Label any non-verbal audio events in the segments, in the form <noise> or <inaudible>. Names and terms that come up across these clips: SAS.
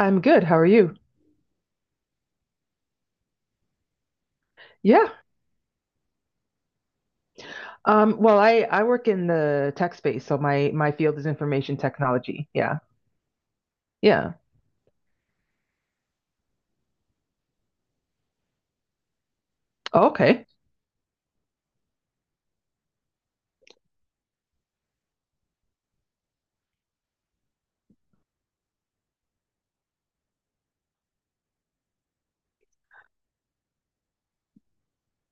I'm good. How are you? Yeah. Well, I work in the tech space, so my field is information technology. Yeah. Yeah. Oh, okay.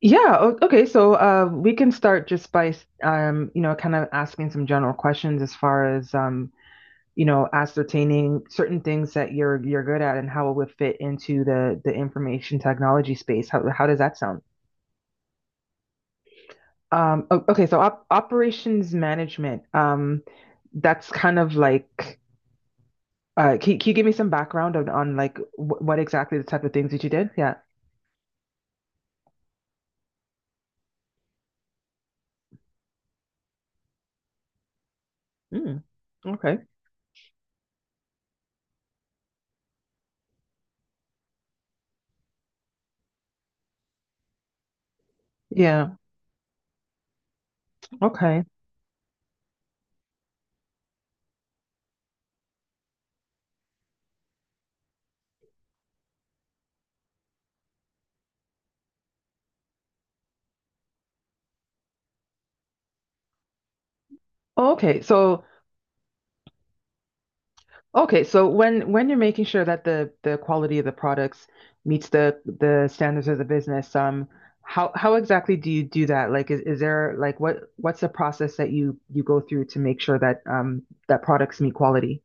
Okay. So we can start just by kind of asking some general questions as far as ascertaining certain things that you're good at and how it would fit into the information technology space. How does that sound? Okay. So op operations management. That's kind of like. Can you give me some background on like wh what exactly the type of things that you did? Yeah. Mm, okay. Yeah. Okay. Oh, okay. So, okay, so when you're making sure that the quality of the products meets the standards of the business, how exactly do you do that? Like, is there like what what's the process that you go through to make sure that that products meet quality?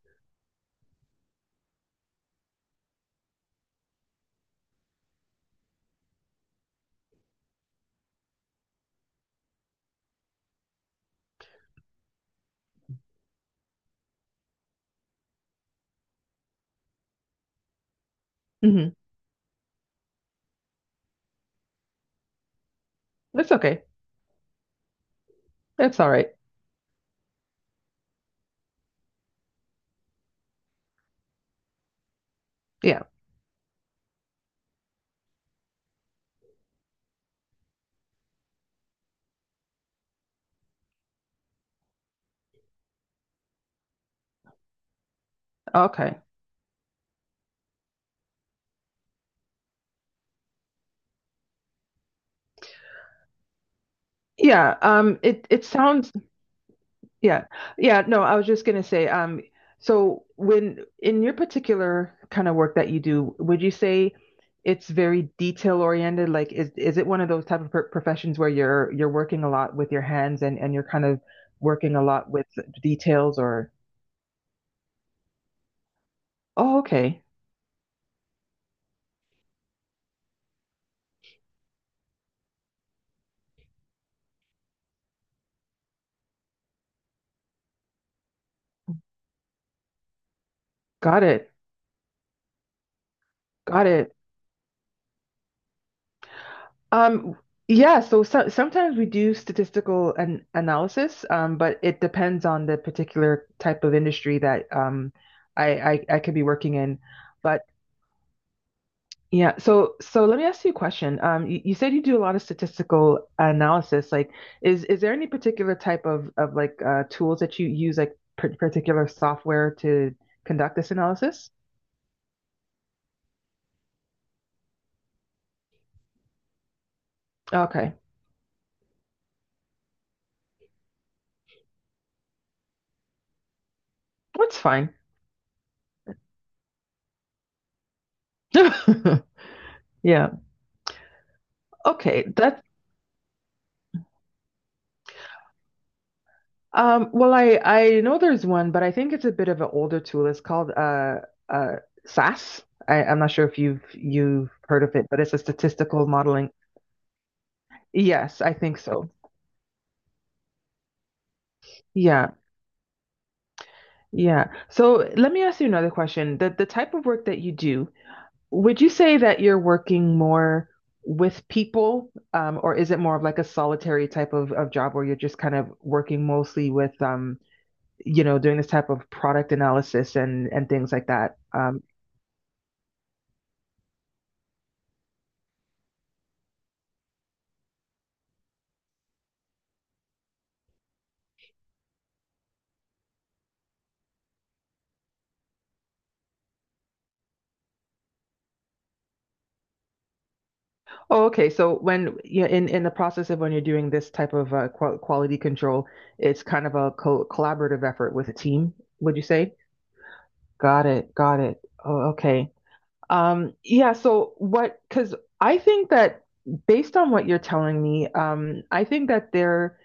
Hmm. That's okay. That's all right. Yeah. Okay. Yeah, it it sounds yeah. Yeah, no, I was just gonna say, so when in your particular kind of work that you do, would you say it's very detail oriented? Like is it one of those type of professions where you're working a lot with your hands and you're kind of working a lot with details or. Oh, okay. Got it. Got it. Um, yeah, so, so sometimes we do statistical an analysis, but it depends on the particular type of industry that I could be working in. But yeah, so so let me ask you a question. You said you do a lot of statistical analysis. Like, is there any particular type of like tools that you use, like particular software to conduct this analysis? Okay, that's fine. <laughs> Yeah. Okay, that. Well, I know there's one, but I think it's a bit of an older tool. It's called uh SAS. I'm not sure if you've heard of it, but it's a statistical modeling. Yes, I think so. Yeah, yeah. So let me ask you another question. The type of work that you do, would you say that you're working more with people, or is it more of like a solitary type of job where you're just kind of working mostly with doing this type of product analysis and things like that? Um. Oh, okay. So when yeah, in the process of when you're doing this type of quality control, it's kind of a co collaborative effort with a team, would you say? Got it. Got it. Oh, okay. Yeah, so what, because I think that based on what you're telling me, I think that there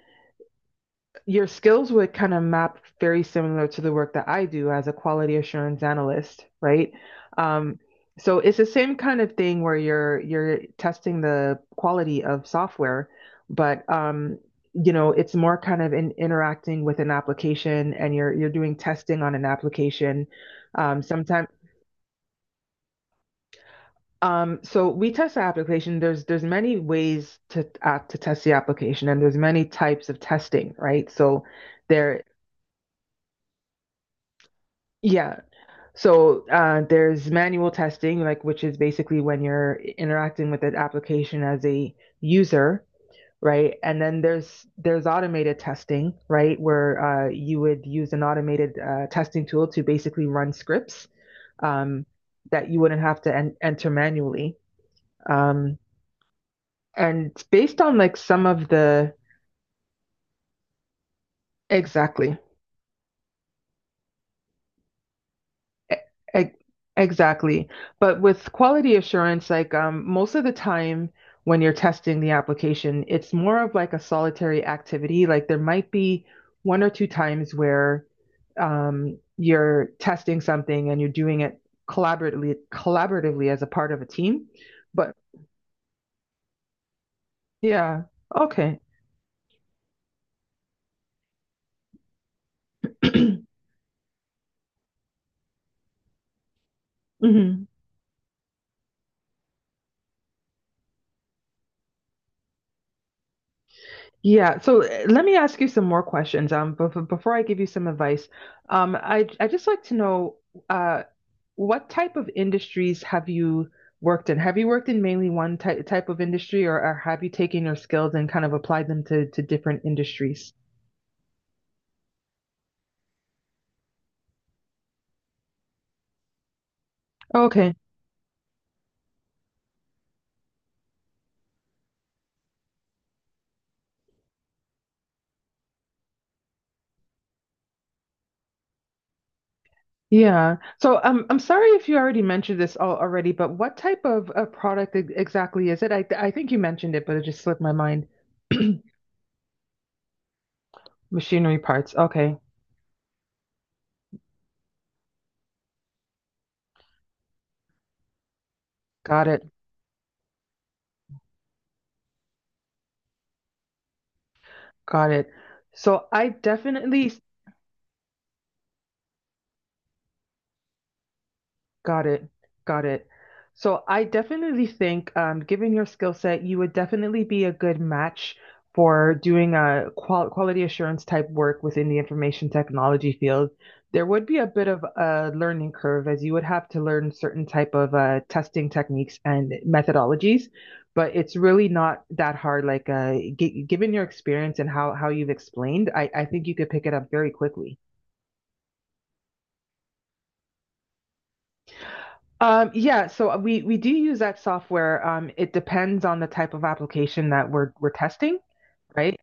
your skills would kind of map very similar to the work that I do as a quality assurance analyst, right? Um, so it's the same kind of thing where you're testing the quality of software, but it's more kind of in interacting with an application and you're doing testing on an application. Sometimes so we test the application. There's many ways to test the application, and there's many types of testing, right? So there, yeah. So there's manual testing, like which is basically when you're interacting with an application as a user, right? And then there's automated testing, right, where you would use an automated testing tool to basically run scripts um, that you wouldn't have to enter manually. Um, and based on like some of the exactly E- e-, Exactly. But with quality assurance, like most of the time when you're testing the application, it's more of like a solitary activity. Like there might be one or two times where you're testing something and you're doing it collaboratively as a part of a team. But yeah, okay. <clears throat> Hmm. Yeah, so let me ask you some more questions. But before I give you some advice, I just like to know, uh, what type of industries have you worked in? Have you worked in mainly one ty type of industry, or have you taken your skills and kind of applied them to different industries? Okay. Yeah. So I'm sorry if you already mentioned this all already, but what type of product exactly is it? I think you mentioned it, but it just slipped my mind. Machinery parts. Okay. Got it. Got it. So I definitely Got it. Got it. So I definitely think, given your skill set, you would definitely be a good match for doing a quality assurance type work within the information technology field. There would be a bit of a learning curve as you would have to learn certain type of testing techniques and methodologies, but it's really not that hard. Like g given your experience and how you've explained, I think you could pick it up very quickly. Yeah, so we do use that software. It depends on the type of application that we're testing, right?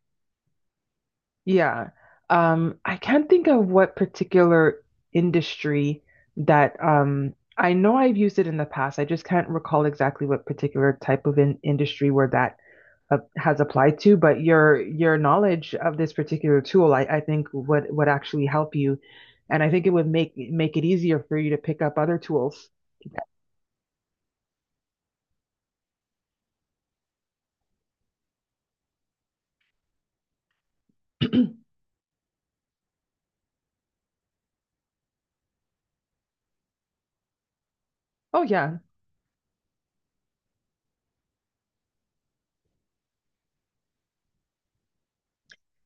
Yeah. I can't think of what particular industry that I know I've used it in the past. I just can't recall exactly what particular type of in industry where that has applied to. But your knowledge of this particular tool, I think would actually help you, and I think it would make make it easier for you to pick up other tools. <clears throat> Oh yeah.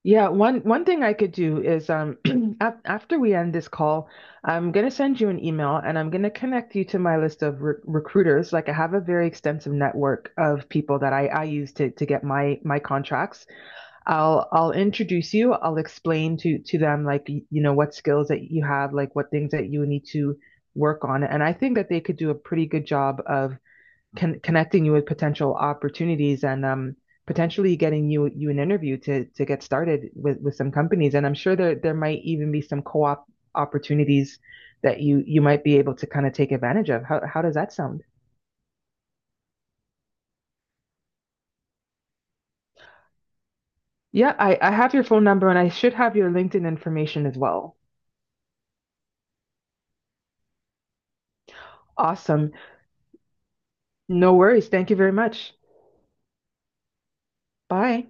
Yeah, one thing I could do is <clears throat> af after we end this call, I'm gonna send you an email and I'm gonna connect you to my list of re recruiters. Like I have a very extensive network of people that I use to get my contracts. I'll introduce you. I'll explain to them like you know what skills that you have, like what things that you need to work on, and I think that they could do a pretty good job of connecting you with potential opportunities and potentially getting you an interview to get started with some companies. And I'm sure there might even be some co-op opportunities that you might be able to kind of take advantage of. How does that sound? Yeah, I have your phone number and I should have your LinkedIn information as well. Awesome. No worries. Thank you very much. Bye.